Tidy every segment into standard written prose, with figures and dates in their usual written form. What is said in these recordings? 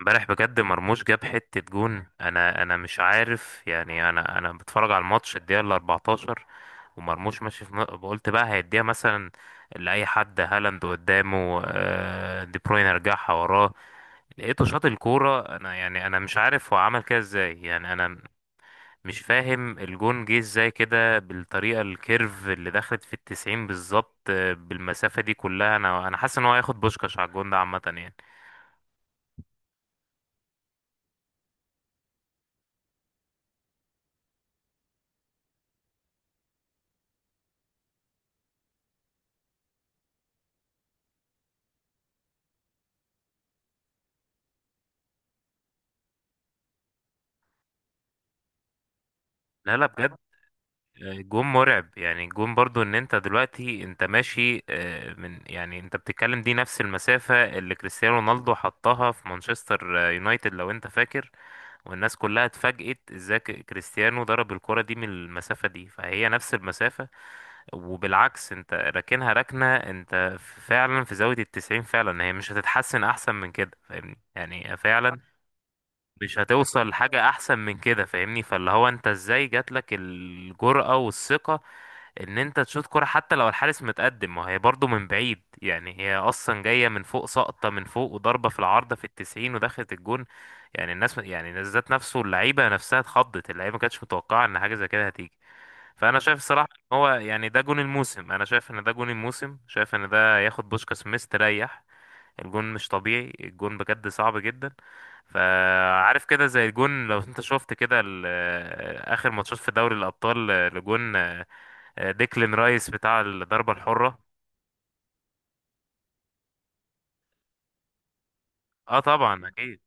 امبارح بجد مرموش جاب حتة جون. انا مش عارف، يعني انا بتفرج على الماتش الدقيقة ال 14 ومرموش ماشي قلت بقى هيديها مثلا لأي حد، هالاند قدامه، دي بروين رجعها وراه، لقيته شاط الكورة. انا يعني انا مش عارف هو عمل كده ازاي، يعني انا مش فاهم الجون جه ازاي كده، بالطريقة الكيرف اللي دخلت في التسعين بالظبط، بالمسافة دي كلها. انا حاسس ان هو هياخد بوشكاش على الجون ده، عامة يعني. لا لا بجد، جون مرعب. يعني جون برضو، ان انت دلوقتي انت ماشي، من يعني انت بتتكلم، دي نفس المسافة اللي كريستيانو رونالدو حطها في مانشستر يونايتد لو انت فاكر، والناس كلها اتفاجئت ازاي كريستيانو ضرب الكرة دي من المسافة دي، فهي نفس المسافة. وبالعكس، انت راكنها ركنة، انت فعلا في زاوية التسعين فعلا، هي مش هتتحسن احسن من كده، فاهمني؟ يعني فعلا مش هتوصل لحاجة احسن من كده، فاهمني؟ فاللي هو انت ازاي جاتلك الجرأة والثقة ان انت تشوط كرة، حتى لو الحارس متقدم، ما هي برضو من بعيد، يعني هي اصلا جاية من فوق، سقطة من فوق وضربة في العارضة في التسعين ودخلت الجون. يعني الناس، يعني الناس ذات نفسه، اللعيبة نفسها اتخضت، اللعيبة ما كانتش متوقعة ان حاجة زي كده هتيجي. فانا شايف الصراحة ان هو، يعني ده جون الموسم، انا شايف ان ده جون الموسم، شايف ان ده ياخد بوشكاس مستريح. الجون مش طبيعي، الجون بجد صعب جدا. فعارف كده زي الجون، لو انت شفت كده اخر ماتشات في دوري الابطال، لجون ديكلين رايس بتاع الضربة الحرة. اه طبعا اكيد.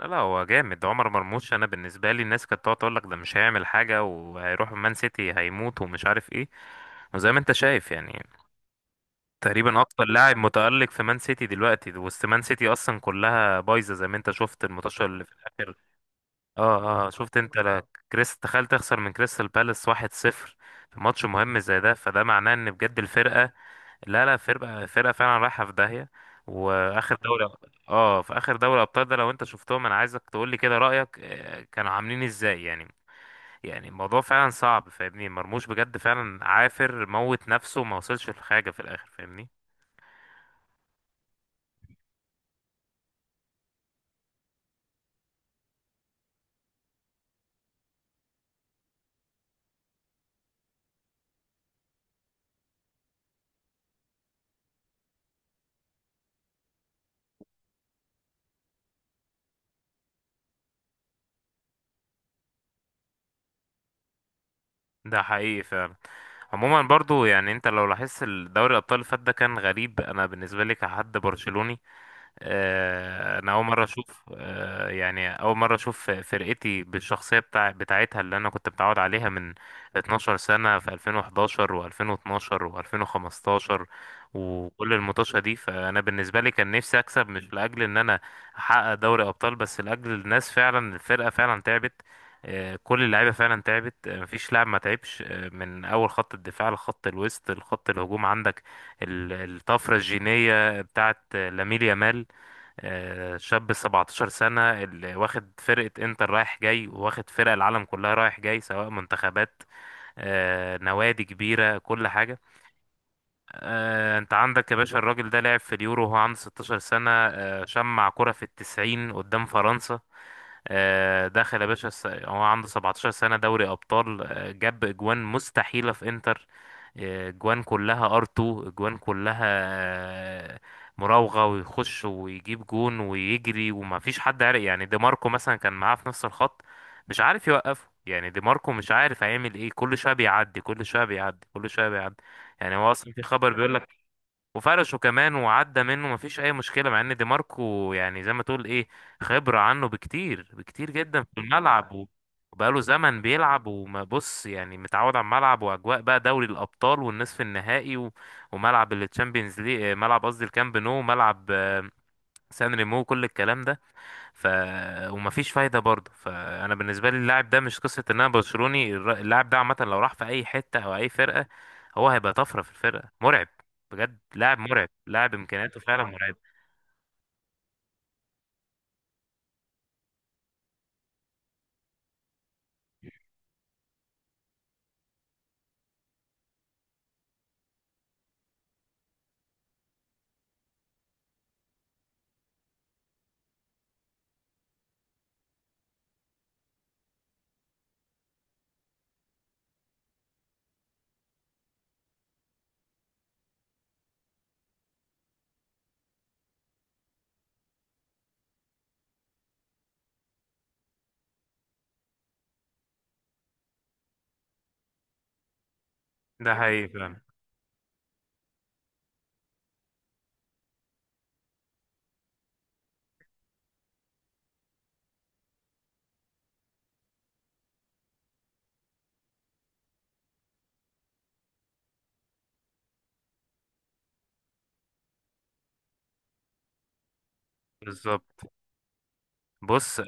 لا لا، هو جامد عمر مرموش. انا بالنسبة لي، الناس كانت تقعد تقول لك ده مش هيعمل حاجة، وهيروح مان سيتي هيموت ومش عارف ايه، وزي ما انت شايف يعني، تقريبا اكتر لاعب متألق في مان سيتي دلوقتي، وسط مان سيتي اصلا كلها بايظة، زي ما انت شفت الماتش اللي في الاخر. اه اه، شفت انت؟ لا كريس، تخيل تخسر من كريستال بالاس 1-0 في ماتش مهم زي ده، فده معناه ان بجد الفرقة، لا لا، فرقة فرقة فعلا رايحة في داهية. واخر دوري، اه في اخر دوري ابطال ده، لو انت شفتهم انا عايزك تقول لي كده رأيك، كانوا عاملين ازاي يعني. يعني الموضوع فعلا صعب، فاهمني؟ مرموش بجد فعلا عافر موت نفسه وما وصلش لحاجة في الاخر، فاهمني؟ ده حقيقي فعلا. عموما برضو، يعني انت لو لاحظت الدوري الابطال اللي فات ده كان غريب. انا بالنسبة لي كحد برشلوني، انا اول مره اشوف، يعني اول مره اشوف فرقتي بالشخصيه بتاعتها اللي انا كنت متعود عليها من 12 سنه، في 2011 و2012 و2015 وكل المطوشه دي. فانا بالنسبه لي كان نفسي اكسب، مش لاجل ان انا احقق دوري ابطال، بس لاجل الناس. فعلا الفرقه فعلا تعبت، كل اللعيبه فعلا تعبت، مفيش لاعب ما تعبش، من اول خط الدفاع لخط الوسط لخط الهجوم. عندك الطفره الجينيه بتاعت لامين يامال، شاب 17 سنة، اللي واخد فرقة انتر رايح جاي، وواخد فرق العالم كلها رايح جاي، سواء منتخبات نوادي كبيرة، كل حاجة. انت عندك يا باشا، الراجل ده لعب في اليورو وهو عنده 16 سنة، شمع كرة في التسعين قدام فرنسا. دخل يا باشا هو عنده 17 سنة دوري أبطال، جاب أجوان مستحيلة في إنتر، أجوان كلها ار 2، أجوان كلها آه، مراوغة، ويخش ويجيب جون ويجري وما فيش حد عارف. يعني دي ماركو مثلا كان معاه في نفس الخط، مش عارف يوقفه، يعني دي ماركو مش عارف هيعمل ايه، كل شوية بيعدي كل شوية بيعدي كل شوية بيعدي. يعني هو أصلا في خبر بيقول لك، وفرشه كمان، وعدى منه مفيش اي مشكله، مع ان دي ماركو يعني زي ما تقول ايه، خبره عنه بكتير بكتير جدا في الملعب، و وبقاله زمن بيلعب وبص، يعني متعود على الملعب، واجواء بقى دوري الابطال والنصف النهائي، و وملعب التشامبيونز ليج، ملعب قصدي الكامب نو، ملعب سان ريمو، كل الكلام ده. ف، ومفيش فايده برضه. فانا بالنسبه لي اللاعب ده، مش قصه ان انا برشلوني، اللاعب ده عامه لو راح في اي حته او اي فرقه، هو هيبقى طفره في الفرقه، مرعب بجد، لاعب مرعب، لاعب امكانياته فعلا مرعب. ده حقيقي فعلا، بالظبط. بص،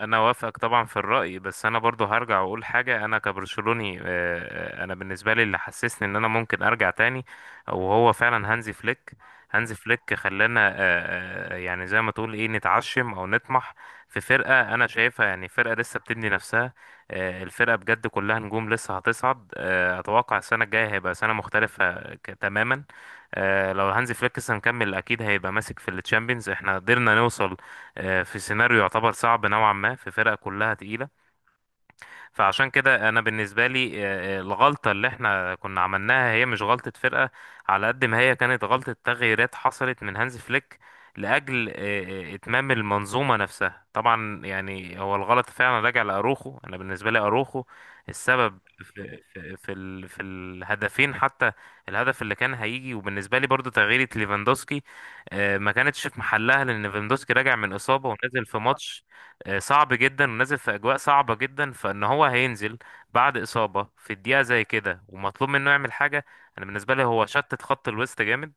انا وافقك طبعا في الرأي، بس انا برضو هرجع واقول حاجة. انا كبرشلوني، آه، انا بالنسبة لي اللي حسسني ان انا ممكن ارجع تاني، وهو فعلا هانزي فليك. هانزي فليك خلانا، آه، يعني زي ما تقول ايه، نتعشم او نطمح في فرقة انا شايفها، يعني فرقة لسه بتبني نفسها، الفرقة بجد كلها نجوم لسه هتصعد. اتوقع السنة الجاية هيبقى سنة مختلفة تماما. لو هانزي فليك لسه مكمل، اكيد هيبقى ماسك في التشامبيونز. احنا قدرنا نوصل، في سيناريو يعتبر صعب نوعا ما، في فرقة كلها تقيلة. فعشان كده انا بالنسبه لي، آه، الغلطه اللي احنا كنا عملناها، هي مش غلطه فرقه على قد ما هي كانت غلطه تغييرات حصلت من هانز فليك، لاجل آه، اتمام المنظومه نفسها. طبعا يعني هو الغلط فعلا راجع لاروخو. انا بالنسبه لي اروخو السبب في في في, ال في الهدفين حتى، الهدف اللي كان هيجي. وبالنسبه لي برضو تغييره ليفاندوسكي، ما كانتش في محلها، لان ليفاندوسكي راجع من اصابه ونزل في ماتش، صعب جدا، ونازل في اجواء صعبه جدا، فان هو هينزل بعد اصابه في الدقيقه زي كده ومطلوب منه يعمل حاجه. انا بالنسبه لي هو شتت خط الوسط جامد.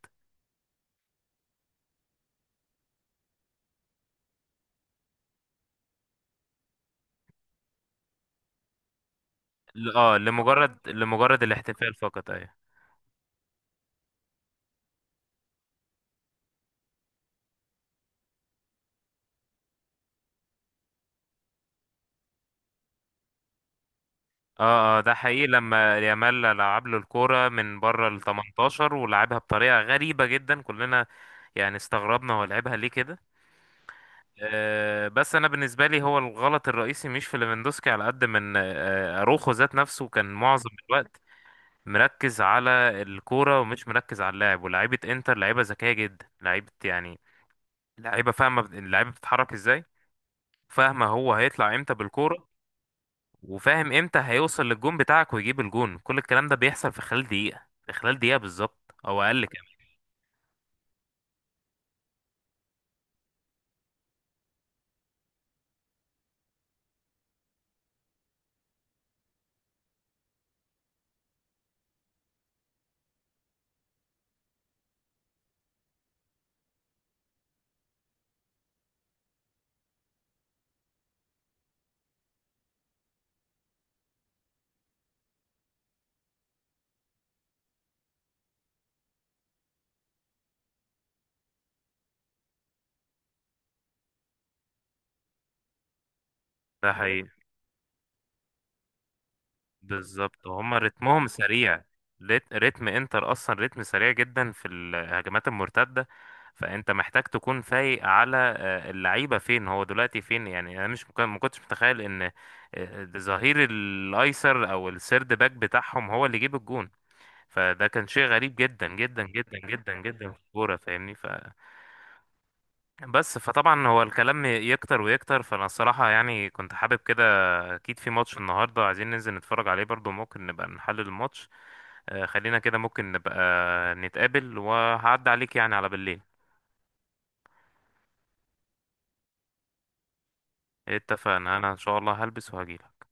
اه، لمجرد الاحتفال فقط، ايوه. اه اه، ده حقيقي، لما يامال لعب له الكوره من بره ال 18 ولعبها بطريقه غريبه جدا، كلنا يعني استغربنا هو لعبها ليه كده. آه، بس انا بالنسبه لي هو الغلط الرئيسي مش في ليفاندوسكي، على قد من آه، اروخو ذات نفسه كان معظم الوقت مركز على الكورة ومش مركز على اللاعب. ولاعيبة انتر لعيبة ذكية جدا، لعيبة يعني لعيبة فاهمة اللعيبة بتتحرك ازاي، فاهمة هو هيطلع امتى بالكورة، وفاهم امتى هيوصل للجون بتاعك ويجيب الجون. كل الكلام ده بيحصل في خلال دقيقة، في خلال دقيقة بالظبط او اقل كمان. ده حقيقي بالظبط. هما رتمهم سريع، رتم انتر اصلا رتم سريع جدا في الهجمات المرتده. فانت محتاج تكون فايق على، اللعيبه فين، هو دلوقتي فين. يعني انا مش ما كنتش متخيل ان ظهير الايسر او السيرد باك بتاعهم هو اللي يجيب الجون. فده كان شيء غريب جدا جدا جدا جدا جدا في الكوره، فاهمني؟ ف، بس فطبعا هو الكلام يكتر ويكتر. فانا الصراحه يعني كنت حابب كده، اكيد في ماتش النهارده عايزين ننزل نتفرج عليه برضو، ممكن نبقى نحلل الماتش. خلينا كده، ممكن نبقى نتقابل وهعدي عليك يعني على بالليل. اتفقنا، انا ان شاء الله هلبس وهجيلك.